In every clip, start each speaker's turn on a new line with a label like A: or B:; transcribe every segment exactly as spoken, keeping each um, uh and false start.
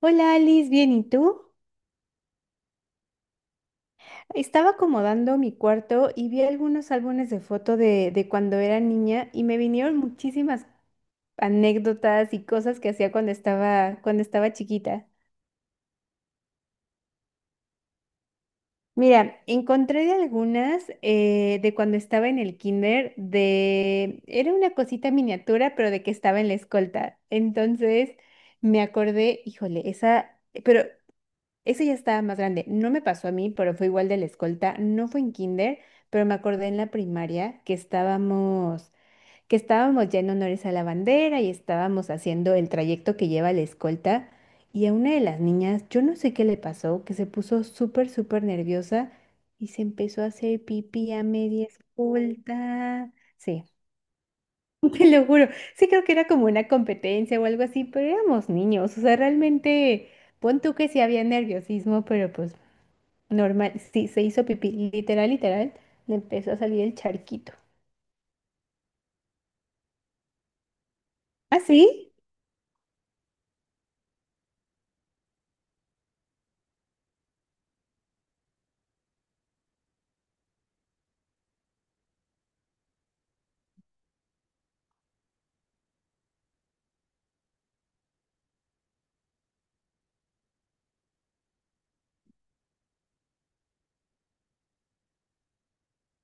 A: Hola Alice, bien, ¿y tú? Estaba acomodando mi cuarto y vi algunos álbumes de foto de, de cuando era niña y me vinieron muchísimas anécdotas y cosas que hacía cuando estaba, cuando estaba chiquita. Mira, encontré de algunas eh, de cuando estaba en el kinder, de... Era una cosita miniatura, pero de que estaba en la escolta. Entonces me acordé, híjole, esa... Pero Ese ya estaba más grande. No me pasó a mí, pero fue igual de la escolta. No fue en kinder, pero me acordé en la primaria que estábamos, que estábamos ya en honores a la bandera y estábamos haciendo el trayecto que lleva la escolta. Y a una de las niñas, yo no sé qué le pasó, que se puso súper, súper nerviosa y se empezó a hacer pipí a media escolta. Sí, te lo juro. Sí, creo que era como una competencia o algo así, pero éramos niños. O sea, realmente, pon tú que sí había nerviosismo, pero pues. Normal, sí, se hizo pipí, literal, literal, le empezó a salir el charquito. ¿Ah, sí?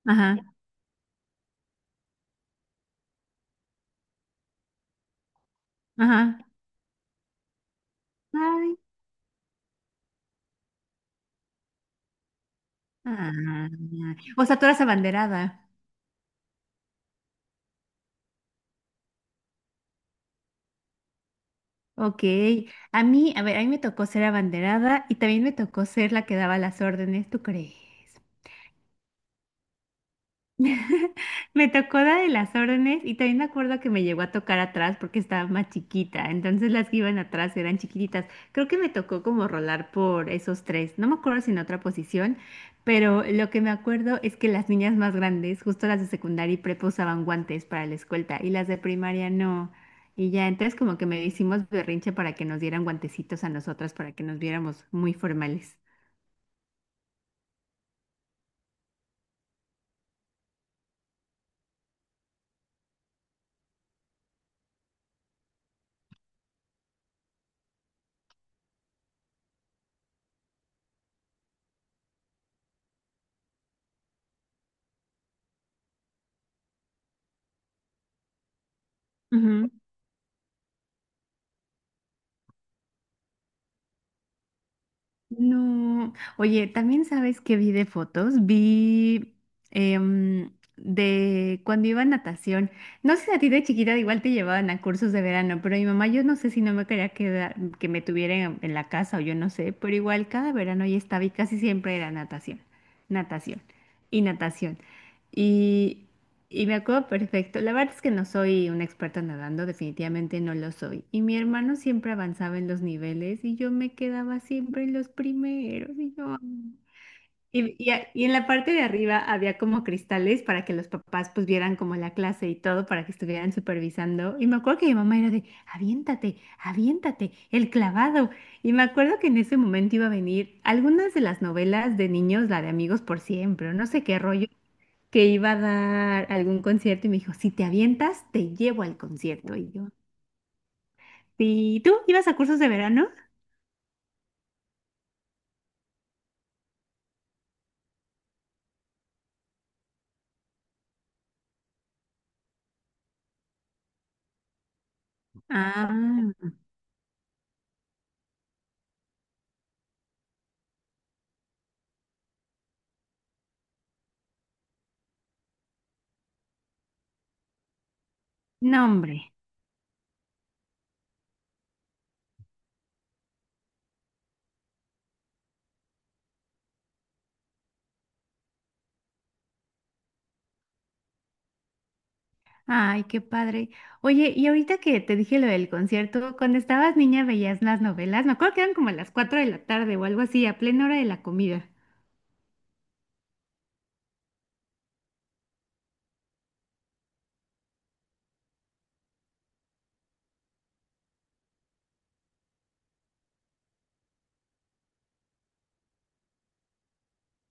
A: Ajá, ajá. Ay, ah. O sea, tú eras abanderada. Ok. A mí, a ver, a mí me tocó ser abanderada y también me tocó ser la que daba las órdenes, ¿tú crees? Me tocó la de las órdenes y también me acuerdo que me llegó a tocar atrás porque estaba más chiquita, entonces las que iban atrás eran chiquititas. Creo que me tocó como rolar por esos tres, no me acuerdo si en otra posición, pero lo que me acuerdo es que las niñas más grandes, justo las de secundaria y prepa usaban guantes para la escolta y las de primaria no. Y ya, entonces como que me hicimos berrinche para que nos dieran guantecitos a nosotras para que nos viéramos muy formales. Ujú. No, oye, también sabes que vi de fotos, vi em, de cuando iba a natación. No sé si a ti de chiquita igual te llevaban a cursos de verano, pero mi mamá yo no sé si no me quería quedar, que me tuvieran en, en la casa o yo no sé, pero igual cada verano ya estaba y casi siempre era natación, natación y natación. Y y me acuerdo perfecto. La verdad es que no soy una experta nadando, definitivamente no lo soy. Y mi hermano siempre avanzaba en los niveles y yo me quedaba siempre en los primeros. Y, yo, "Ah". y, y a- y en la parte de arriba había como cristales para que los papás pues vieran como la clase y todo, para que estuvieran supervisando. Y me acuerdo que mi mamá era de, aviéntate, aviéntate, el clavado. Y me acuerdo que en ese momento iba a venir algunas de las novelas de niños, la de Amigos por Siempre, o no sé qué rollo que iba a dar algún concierto y me dijo, si te avientas, te llevo al concierto. Y yo, ¿y tú ibas a cursos de verano? Ah, no, hombre. Ay, qué padre. Oye, y ahorita que te dije lo del concierto, cuando estabas niña veías las novelas, me acuerdo que eran como a las cuatro de la tarde o algo así, a plena hora de la comida.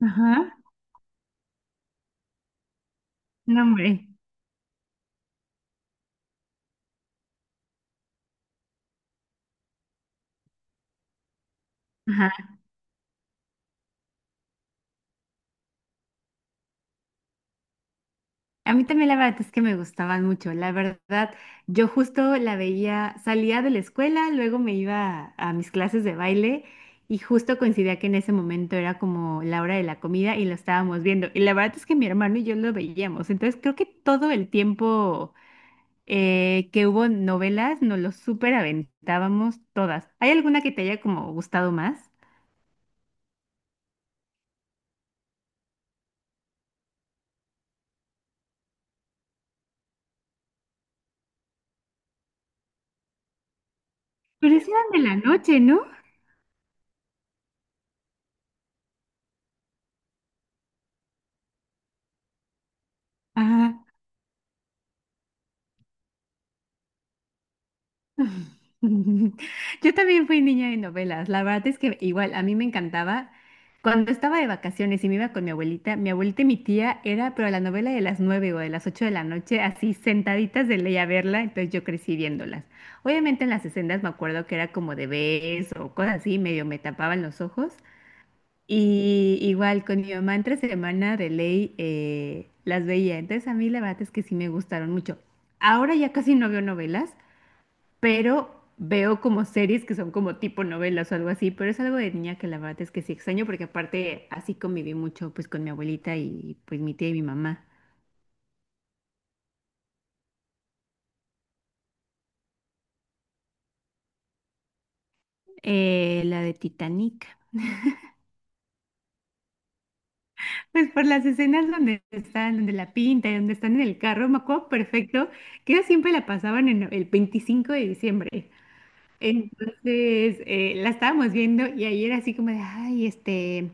A: Ajá, no, hombre. Ajá. A mí también la verdad es que me gustaban mucho. La verdad, yo justo la veía, salía de la escuela, luego me iba a, mis clases de baile y justo coincidía que en ese momento era como la hora de la comida y lo estábamos viendo. Y la verdad es que mi hermano y yo lo veíamos. Entonces creo que todo el tiempo eh, que hubo novelas nos lo súper aventábamos todas. ¿Hay alguna que te haya como gustado más? Pero es eran de la noche, ¿no? Ajá. Yo también fui niña de novelas. La verdad es que igual a mí me encantaba. Cuando estaba de vacaciones y me iba con mi abuelita, mi abuelita y mi tía era, pero la novela de las nueve o de las ocho de la noche, así sentaditas de ley a verla, entonces yo crecí viéndolas. Obviamente en las sesendas me acuerdo que era como de bes o cosas así, medio me tapaban los ojos. Y igual con mi mamá entre semana de ley eh, las veía. Entonces a mí la verdad es que sí me gustaron mucho. Ahora ya casi no veo novelas pero veo como series que son como tipo novelas o algo así, pero es algo de niña que la verdad es que sí extraño porque aparte así conviví mucho pues con mi abuelita y pues mi tía y mi mamá. Eh, la de Titanic. Pues por las escenas donde están, donde la pinta y donde están en el carro, me acuerdo perfecto que ellos siempre la pasaban en el veinticinco de diciembre. Entonces eh, la estábamos viendo y ayer así como de, ay, este,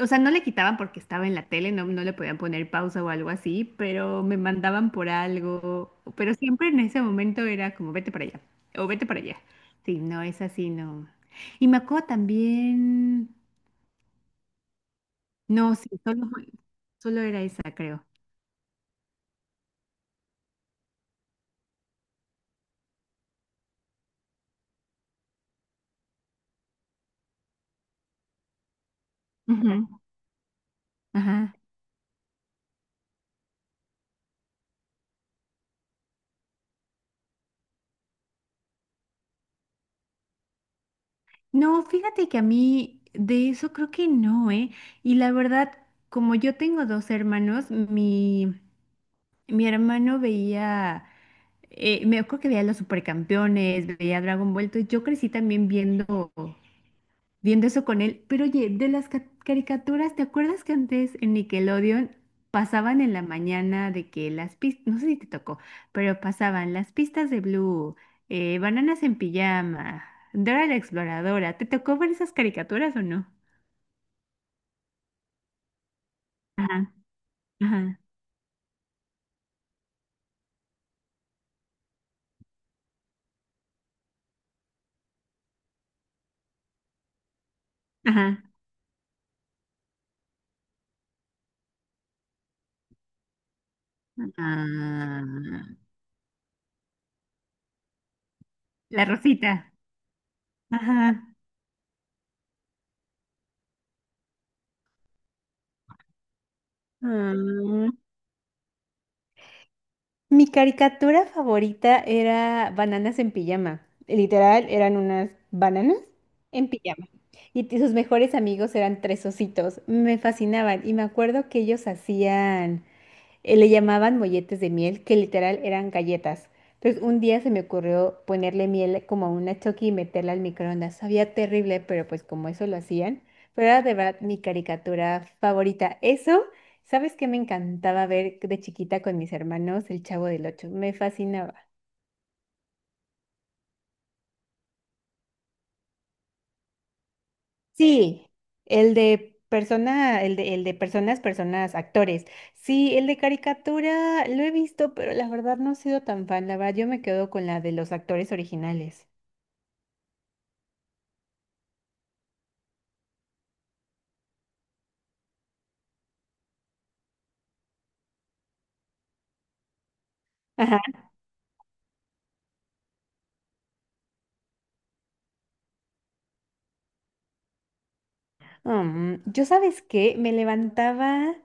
A: o sea, no le quitaban porque estaba en la tele, no, no le podían poner pausa o algo así, pero me mandaban por algo. Pero siempre en ese momento era como, vete para allá, o vete para allá. Sí, no es así, no. Y me acuerdo también, no, sí, solo, solo era esa, creo. Ujú, ajá. No, fíjate que a mí de eso creo que no, ¿eh? Y la verdad, como yo tengo dos hermanos, mi, mi hermano veía... eh, me acuerdo que veía Los Supercampeones, veía Dragon Ball, entonces yo crecí también viendo, viendo eso con él. Pero oye, de las ca- caricaturas, ¿te acuerdas que antes en Nickelodeon pasaban en la mañana de que las pistas, no sé si te tocó, pero pasaban las pistas de Blue, eh, Bananas en pijama, Dora la Exploradora? ¿Te tocó ver esas caricaturas o no? Ajá, ajá, ajá. Ah, la Rosita. Ajá. Mi caricatura favorita era Bananas en pijama. Literal, eran unas bananas en pijama. Y t- sus mejores amigos eran tres ositos. Me fascinaban. Y me acuerdo que ellos hacían eh, le llamaban molletes de miel, que literal eran galletas. Entonces, un día se me ocurrió ponerle miel como a una choqui y meterla al microondas. Sabía terrible, pero pues como eso lo hacían. Pero era de verdad mi caricatura favorita. Eso, ¿sabes qué me encantaba ver de chiquita con mis hermanos? El Chavo del Ocho. Me fascinaba. Sí, el de persona, el de, el de personas, personas, actores. Sí, el de caricatura lo he visto, pero la verdad no he sido tan fan. La verdad, yo me quedo con la de los actores originales. Ajá. Mm, yo, ¿sabes qué? Me levantaba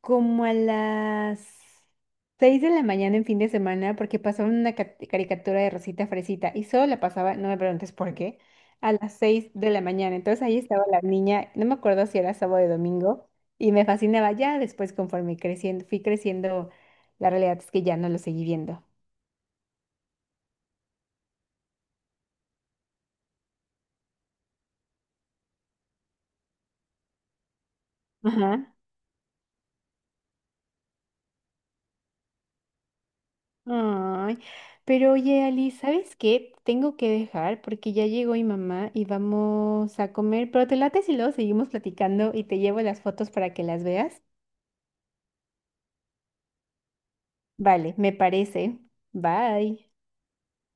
A: como a las seis de la mañana en fin de semana porque pasaban una ca- caricatura de Rosita Fresita y solo la pasaba, no me preguntes por qué, a las seis de la mañana. Entonces ahí estaba la niña, no me acuerdo si era sábado o domingo, y me fascinaba ya después conforme creciendo, fui creciendo, la realidad es que ya no lo seguí viendo. Ajá. Ay, pero oye, Ali, ¿sabes qué? Tengo que dejar porque ya llegó mi mamá y vamos a comer, pero te late si luego seguimos platicando y te llevo las fotos para que las veas. Vale, me parece. Bye.